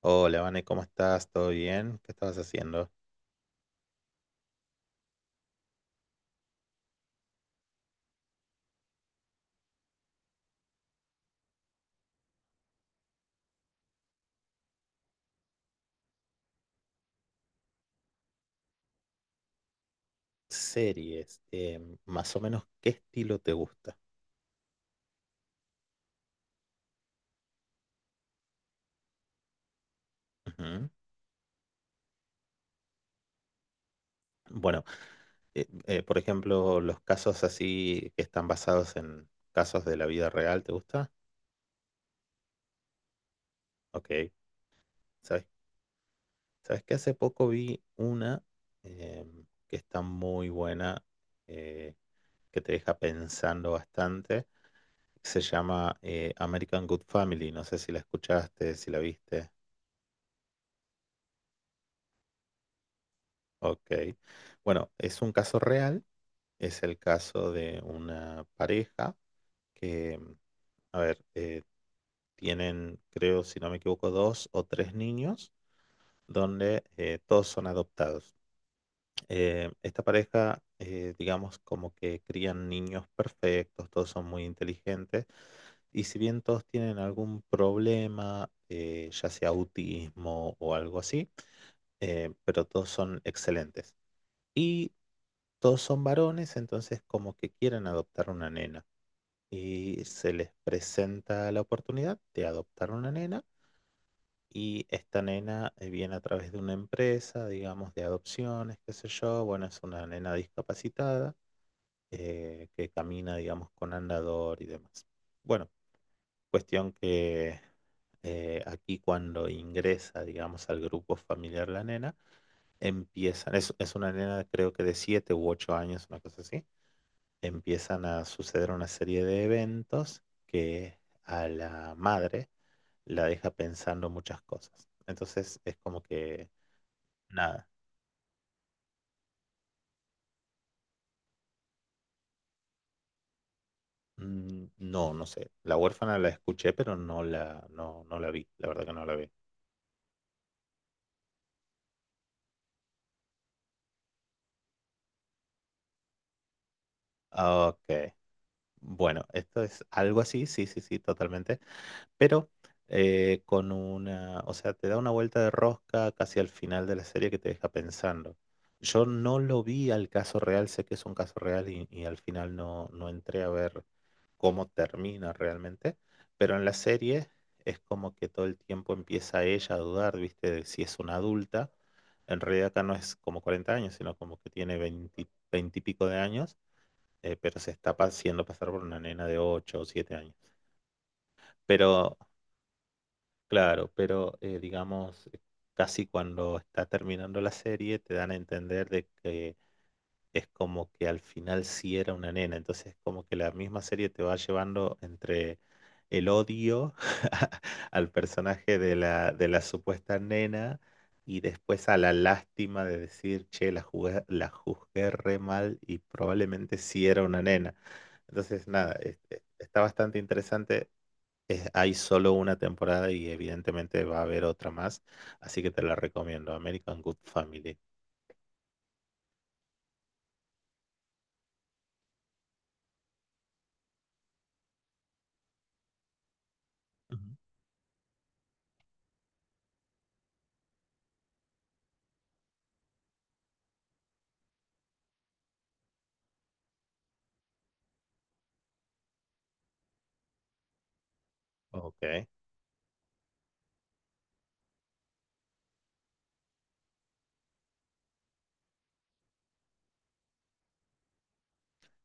Hola, Vane, ¿cómo estás? ¿Todo bien? ¿Qué estabas haciendo? Series, más o menos, ¿qué estilo te gusta? Ujú. Bueno, por ejemplo, los casos así que están basados en casos de la vida real, ¿te gusta? Ok, ¿sabes? ¿Sabes que hace poco vi una que está muy buena, eh, que te deja pensando bastante? Se llama American Good Family, no sé si la escuchaste, si la viste. Ok. Bueno, es un caso real, es el caso de una pareja que, a ver, tienen, creo, si no me equivoco, dos o tres niños, donde todos son adoptados. Esta pareja, digamos, como que crían niños perfectos, todos son muy inteligentes, y si bien todos tienen algún problema, ya sea autismo o algo así, pero todos son excelentes. Y todos son varones, entonces como que quieren adoptar una nena. Y se les presenta la oportunidad de adoptar una nena, y esta nena viene a través de una empresa, digamos, de adopciones, qué sé yo. Bueno, es una nena discapacitada que camina, digamos, con andador y demás. Bueno, cuestión que aquí cuando ingresa, digamos, al grupo familiar la nena, es una nena creo que de 7 u 8 años, una cosa así, empiezan a suceder una serie de eventos que a la madre la deja pensando muchas cosas. Entonces es como que, nada, no, no sé. La huérfana la escuché, pero no la vi, la verdad que no la vi. Ok, bueno, esto es algo así, sí, sí, sí, totalmente, pero con una, o sea, te da una vuelta de rosca casi al final de la serie que te deja pensando. Yo no lo vi al caso real, sé que es un caso real y al final no entré a ver cómo termina realmente, pero en la serie es como que todo el tiempo empieza ella a dudar, ¿viste? De si es una adulta. En realidad acá no es como 40 años, sino como que tiene 20 20 y pico de años, pero se está haciendo pasar por una nena de 8 o 7 años. Pero, claro, pero digamos, casi cuando está terminando la serie te dan a entender de que es como que al final sí era una nena, entonces es como que la misma serie te va llevando entre el odio al personaje de la supuesta nena y después a la lástima de decir, che, la juzgué re mal y probablemente sí era una nena. Entonces, nada, está bastante interesante, hay solo una temporada y evidentemente va a haber otra más, así que te la recomiendo, American Good Family. Ujú. Ok,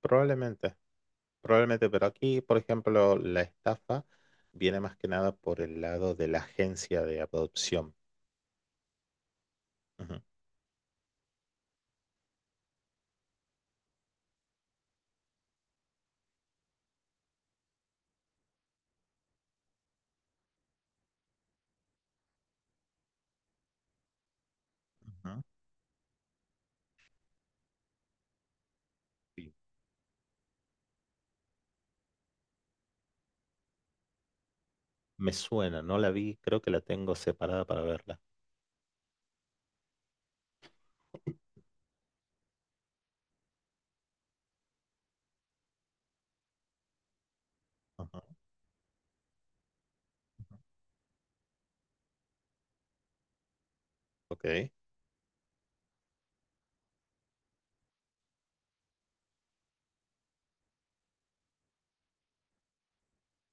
probablemente, probablemente, pero aquí, por ejemplo, la estafa viene más que nada por el lado de la agencia de adopción. Ujú. Ujú. Sí. Me suena, no la vi, creo que la tengo separada para verla. Ujú. Ok,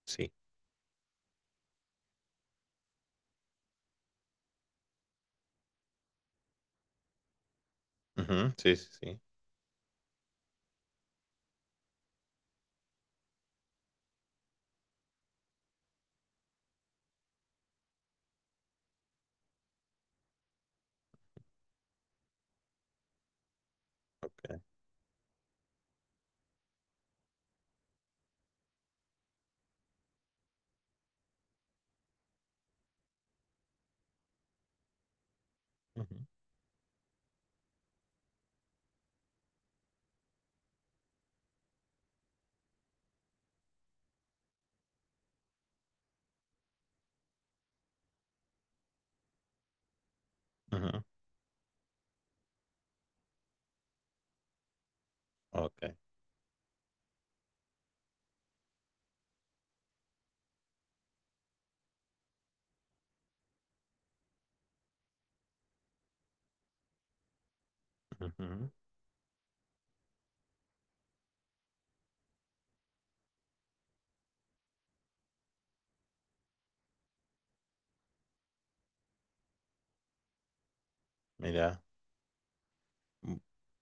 sí. Ujú, sí, sí, sí. Ok. Ujú, ujú. Ok. Ujú. Mira.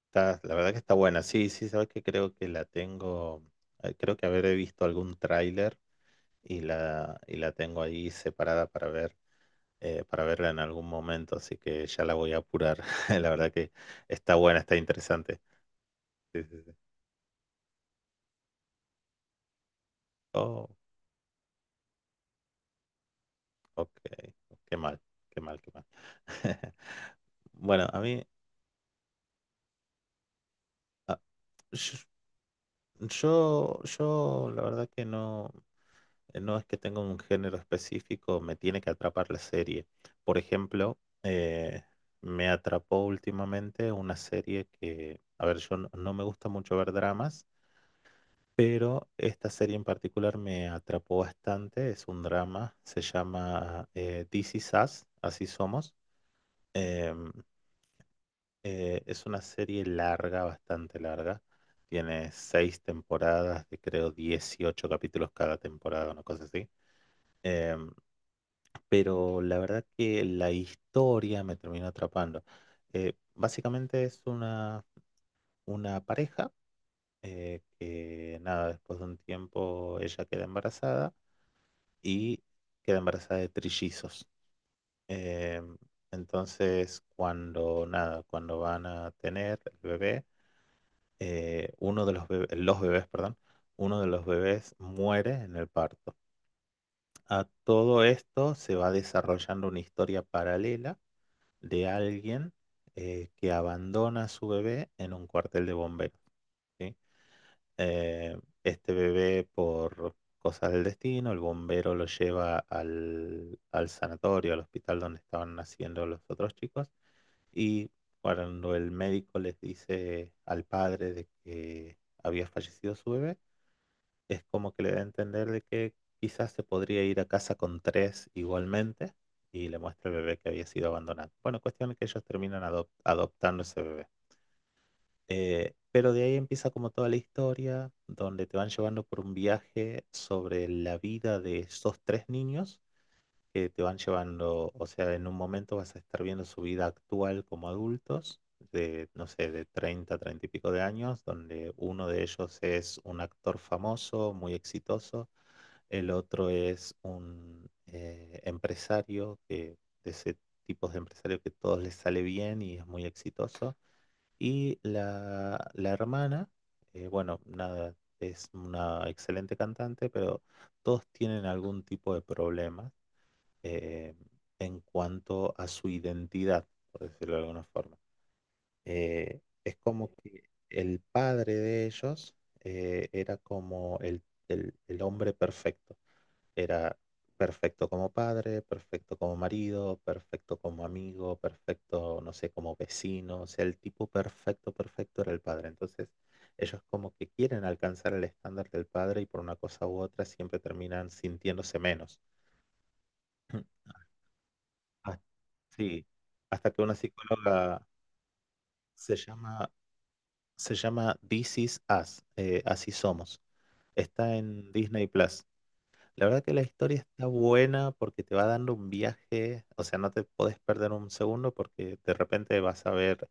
Está, la verdad que está buena. Sí, sí, sabes que creo que la tengo, creo que habré visto algún tráiler y la tengo ahí separada para ver, para verla en algún momento, así que ya la voy a apurar. La verdad que está buena, está interesante. Sí, sí, sí. Oh, ok. Qué mal, qué mal, qué mal. Bueno, a mí, ah, yo, yo la verdad que no, no es que tenga un género específico, me tiene que atrapar la serie. Por ejemplo, me atrapó últimamente una serie que, a ver, yo no me gusta mucho ver dramas, pero esta serie en particular me atrapó bastante, es un drama, se llama This Is Us, Así Somos. Em, es una serie larga, bastante larga. Tiene seis temporadas de creo 18 capítulos cada temporada, una cosa así. Em, pero la verdad que la historia me terminó atrapando. Básicamente es una pareja que, nada, después de un tiempo ella queda embarazada y queda embarazada de trillizos. Em, entonces, cuando, nada, cuando van a tener el bebé uno de los bebés, perdón, uno de los bebés muere en el parto. A todo esto se va desarrollando una historia paralela de alguien que abandona a su bebé en un cuartel de bomberos. ¿Sí? Eh, este bebé por cosas del destino, el bombero lo lleva al sanatorio, al hospital donde estaban naciendo los otros chicos, y cuando el médico les dice al padre de que había fallecido su bebé, es como que le da a entender de que quizás se podría ir a casa con tres igualmente, y le muestra el bebé que había sido abandonado. Bueno, cuestión es que ellos terminan adoptando ese bebé. Pero de ahí empieza como toda la historia, donde te van llevando por un viaje sobre la vida de esos tres niños, que te van llevando, o sea, en un momento vas a estar viendo su vida actual como adultos, de, no sé, de 30, 30 y pico de años, donde uno de ellos es un actor famoso, muy exitoso, el otro es un empresario, que, de ese tipo de empresario que todos les sale bien y es muy exitoso, y la hermana, bueno, nada, es una excelente cantante, pero todos tienen algún tipo de problema eh, en cuanto a su identidad, por decirlo de alguna forma. Es como que el padre de ellos era como el hombre perfecto. Era perfecto como padre, perfecto como marido, perfecto como amigo, perfecto, no sé, como vecino. O sea, el tipo perfecto, perfecto era el padre. Entonces, ellos como que quieren alcanzar el estándar del padre y por una cosa u otra siempre terminan sintiéndose menos. Hasta. Sí, hasta que una psicóloga. Se llama, se llama This Is Us, Así Somos. Está en Disney Plus. La verdad que la historia está buena porque te va dando un viaje, o sea, no te podés perder un segundo porque de repente vas a ver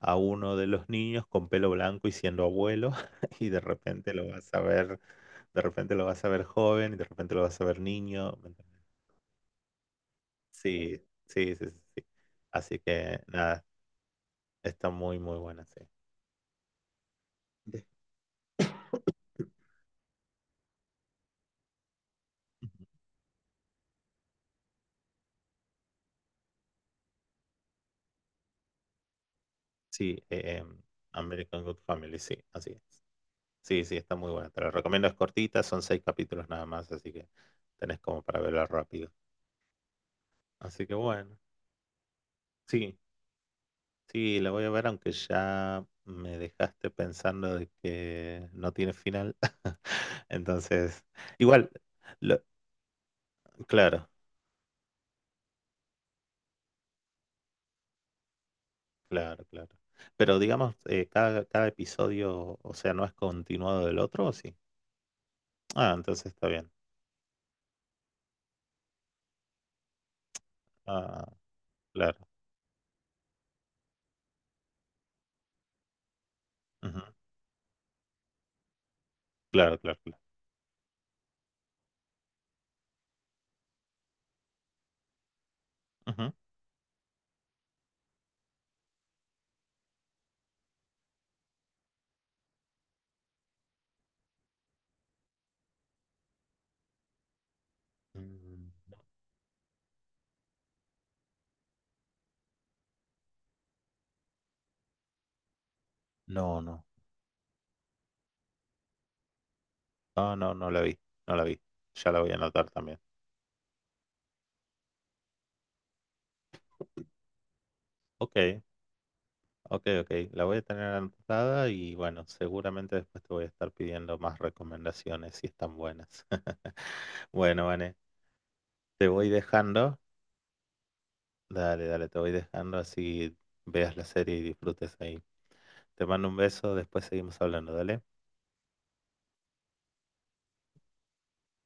a uno de los niños con pelo blanco y siendo abuelo y de repente lo vas a ver joven y de repente lo vas a ver niño. ¿Me entendés? Sí, sí, sí, sí. Sí. Así que nada, está muy, muy buena, sí. De- Sí, American Good Family, sí, así es. Sí, sí, está muy buena. Te la recomiendo, es cortita, son seis capítulos nada más, así que tenés como para verla rápido. Así que bueno, sí, sí, la voy a ver, aunque ya me dejaste pensando de que no tiene final. Entonces, igual, lo- claro, claro, claro. Pero digamos, cada episodio, o sea, no es continuado del otro, ¿o sí? Ah, entonces está bien. Ah, claro. Claro, claro, claro. Ujú. Mm, No, no. No, no, no la vi. No la vi. Ya la voy a anotar también. Ok, ok, ok. La voy a tener anotada y bueno, seguramente después te voy a estar pidiendo más recomendaciones si están buenas. Bueno, Vane, te voy dejando. Dale, dale, te voy dejando así veas la serie y disfrutes ahí. Te mando un beso, después seguimos hablando, dale.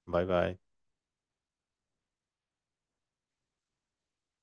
Bye, bye.